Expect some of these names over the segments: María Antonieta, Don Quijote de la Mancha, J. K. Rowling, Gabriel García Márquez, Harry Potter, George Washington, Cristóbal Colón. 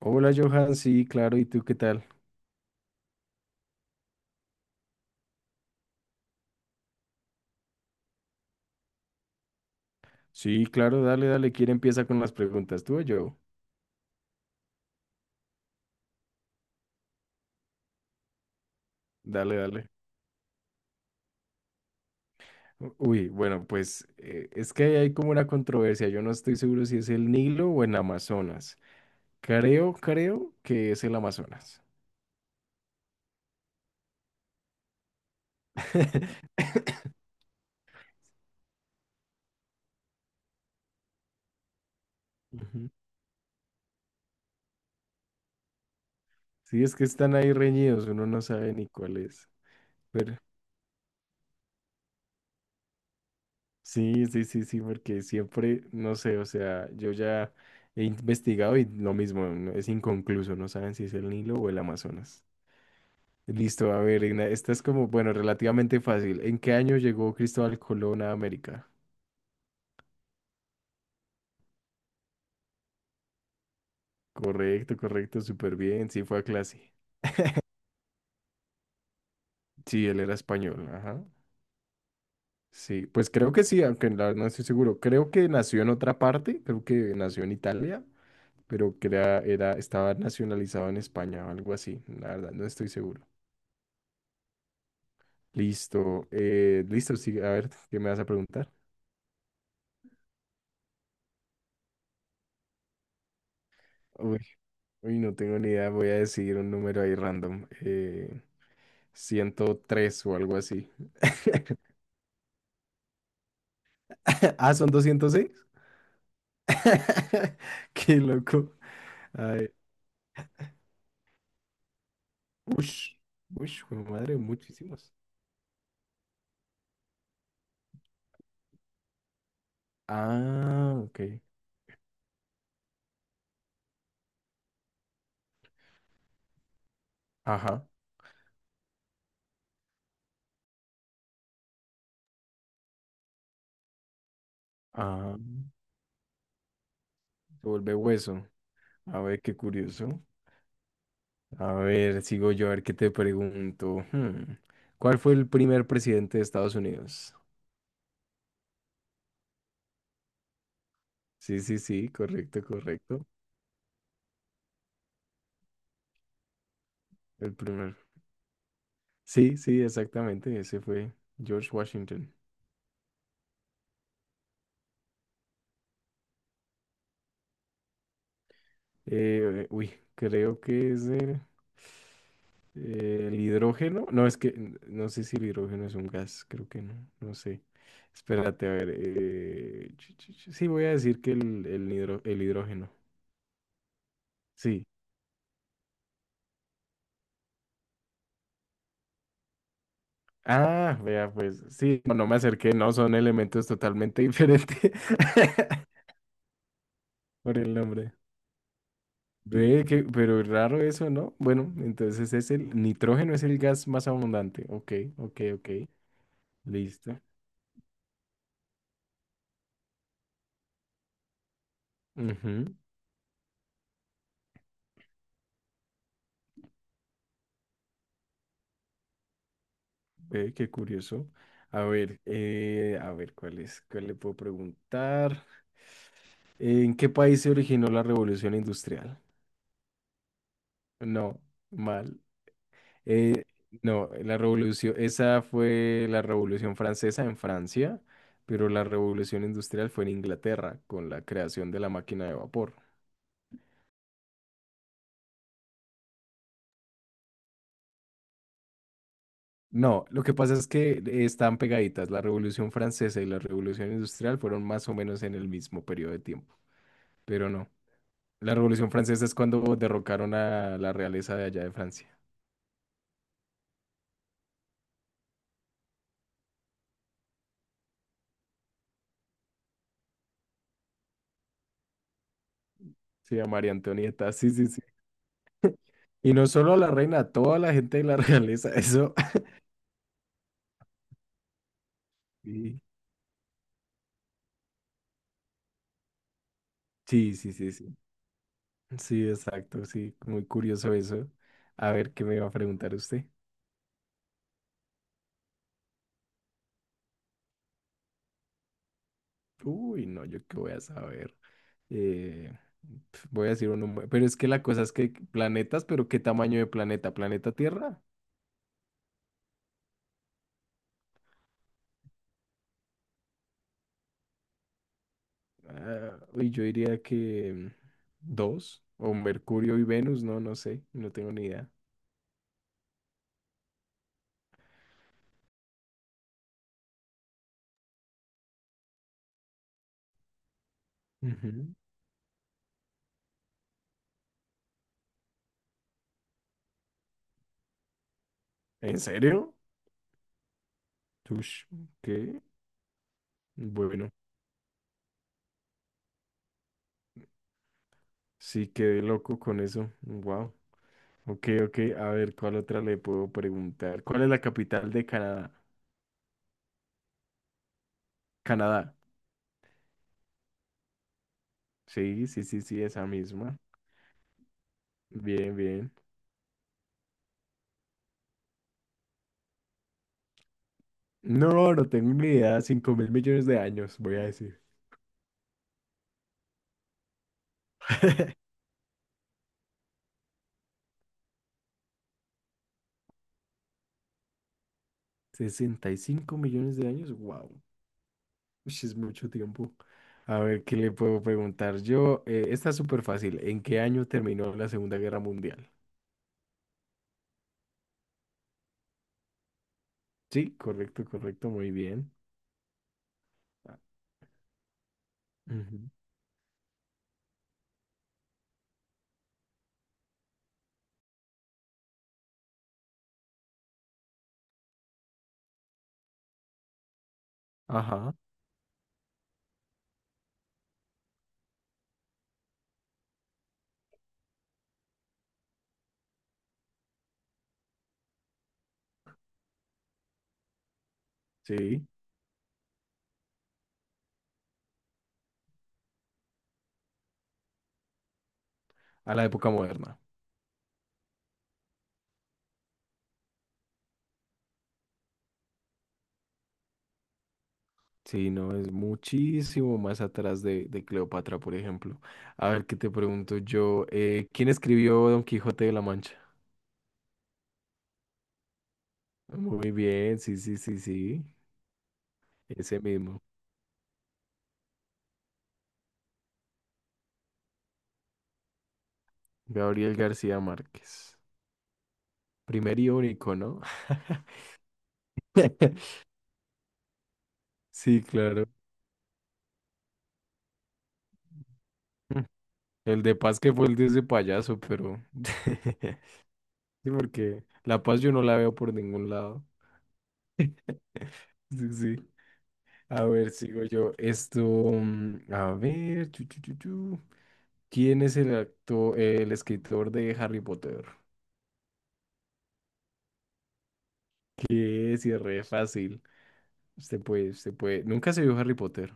Hola Johan, sí, claro, ¿y tú qué tal? Sí, claro, dale, dale, ¿quién empieza con las preguntas? ¿Tú o yo? Dale, dale. Uy, bueno, pues es que ahí hay como una controversia, yo no estoy seguro si es el Nilo o el Amazonas. Creo que es el Amazonas. Ujú. Sí, es que están ahí reñidos, uno no sabe ni cuál es. Pero sí, sí, sí, sí, porque siempre, no sé, o sea, yo ya he investigado y lo mismo, es inconcluso, no saben si es el Nilo o el Amazonas. Listo, a ver, esta es como, bueno, relativamente fácil. ¿En qué año llegó Cristóbal Colón a América? Correcto, correcto, súper bien. Sí, fue a clase. Sí, él era español, ajá. Sí, pues creo que sí, aunque la verdad no estoy seguro. Creo que nació en otra parte, creo que nació en Italia, pero que era, estaba nacionalizado en España o algo así. La verdad, no estoy seguro. Listo, listo, sí, a ver, ¿qué me vas a preguntar? Uy, uy, no tengo ni idea, voy a decir un número ahí random. 103 o algo así. Ah, son 206. Qué loco. Ay, ush, ush, jue madre, muchísimos. Ah, ok. Ajá. Ah, se vuelve hueso. A ver, qué curioso. A ver, sigo yo, a ver qué te pregunto. ¿Cuál fue el primer presidente de Estados Unidos? Sí, sí, sí, correcto, correcto. El primer. Sí, sí, exactamente, ese fue George Washington. Uy, creo que es el hidrógeno. No, es que no sé si el hidrógeno es un gas, creo que no, no sé. Espérate, a ver. Sí, voy a decir que el hidrógeno. Sí. Ah, vea, pues sí, no, no me acerqué, no, son elementos totalmente diferentes. Por el nombre. Ve que, pero es raro eso, ¿no? Bueno, entonces es el nitrógeno, es el gas más abundante. Ok, ok, ok. Listo. Ujú. Ve, qué curioso. A ver, ¿cuál es? ¿Cuál le puedo preguntar? ¿En qué país se originó la revolución industrial? No, mal. Eh, no, la revolución, esa fue la revolución francesa en Francia, pero la revolución industrial fue en Inglaterra con la creación de la máquina de vapor. No, lo que pasa es que están pegaditas. La revolución francesa y la revolución industrial fueron más o menos en el mismo periodo de tiempo, pero no. La Revolución Francesa es cuando derrocaron a la realeza de allá de Francia. Sí, a María Antonieta, sí, sí, sí. Y no solo a la reina, a toda la gente de la realeza, eso. Sí, sí, sí, sí. Sí, sí, exacto, sí, muy curioso eso. A ver, ¿qué me iba a preguntar usted? Uy, no, yo qué voy a saber. Eh, voy a decir uno, pero es que la cosa es que planetas, pero ¿qué tamaño de planeta? ¿Planeta Tierra? Ah, uy, yo diría que dos, o Mercurio y Venus, no, no sé, no tengo ni idea. Ujú. ¿En serio? Ush, ¿qué? Bueno, sí quedé loco con eso. Wow. Ok, ok, a ver, ¿cuál otra le puedo preguntar? ¿Cuál es la capital de Canadá? Canadá. Sí, sí, sí, sí, esa misma. Bien, bien. No, no tengo ni idea. 5.000 millones de años, voy a decir. 65 millones de años, wow. Uy, es mucho tiempo. A ver, ¿qué le puedo preguntar yo? Está súper fácil. ¿En qué año terminó la Segunda Guerra Mundial? Sí, correcto, correcto, muy bien. Ah, ujú. Ajá, sí. A la época moderna. Sí, no, es muchísimo más atrás de Cleopatra, por ejemplo. A ver, ¿qué te pregunto yo? ¿Quién escribió Don Quijote de la Mancha? Muy bien, sí, sí, sí, sí. Ese mismo. Gabriel García Márquez. Primer y único, ¿no? Sí, claro. Mm. El de Paz que fue el de ese payaso, pero. Sí, porque la Paz yo no la veo por ningún lado. Sí, sí. A ver, sigo yo. Esto, a ver, chu, chu, chu, chu. ¿Quién es el actor, el escritor de Harry Potter? Que es re fácil. Usted puede, usted puede. Nunca se vio Harry Potter.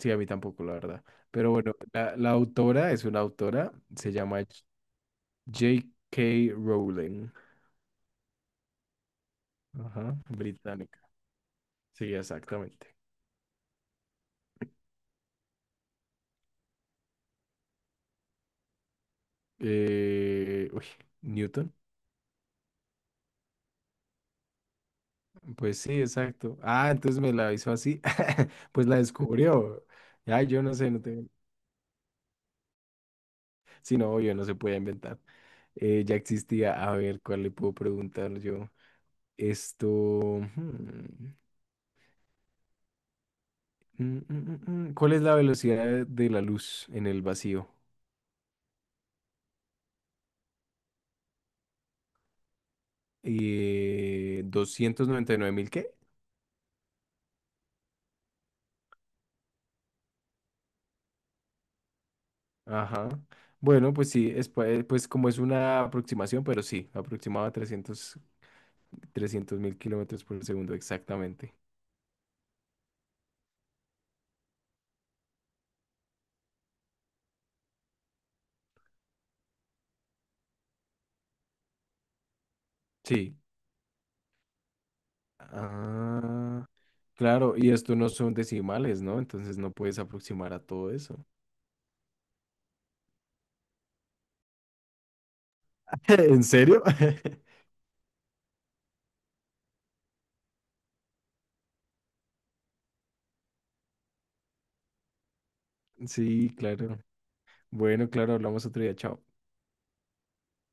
Sí, a mí tampoco, la verdad. Pero bueno, la autora es una autora, se llama J- K. Rowling. Ajá, británica. Sí, exactamente. Uy, Newton. Pues sí, exacto. Ah, entonces me la hizo así. Pues la descubrió. Ya, yo no sé, no tengo. Si no, yo no se puede inventar. Ya existía. A ver, ¿cuál le puedo preguntar yo? Esto. hmm, mm, mm, mm, mm. ¿Cuál es la velocidad de la luz en el vacío? Doscientos noventa y nueve mil, qué. Ajá. Bueno, pues sí, es, pues como es una aproximación, pero sí, aproximaba trescientos mil kilómetros por segundo exactamente. Sí. Ah, claro, y esto no son decimales, ¿no? Entonces no puedes aproximar a todo eso. ¿En serio? Sí, claro. Bueno, claro, hablamos otro día, chao.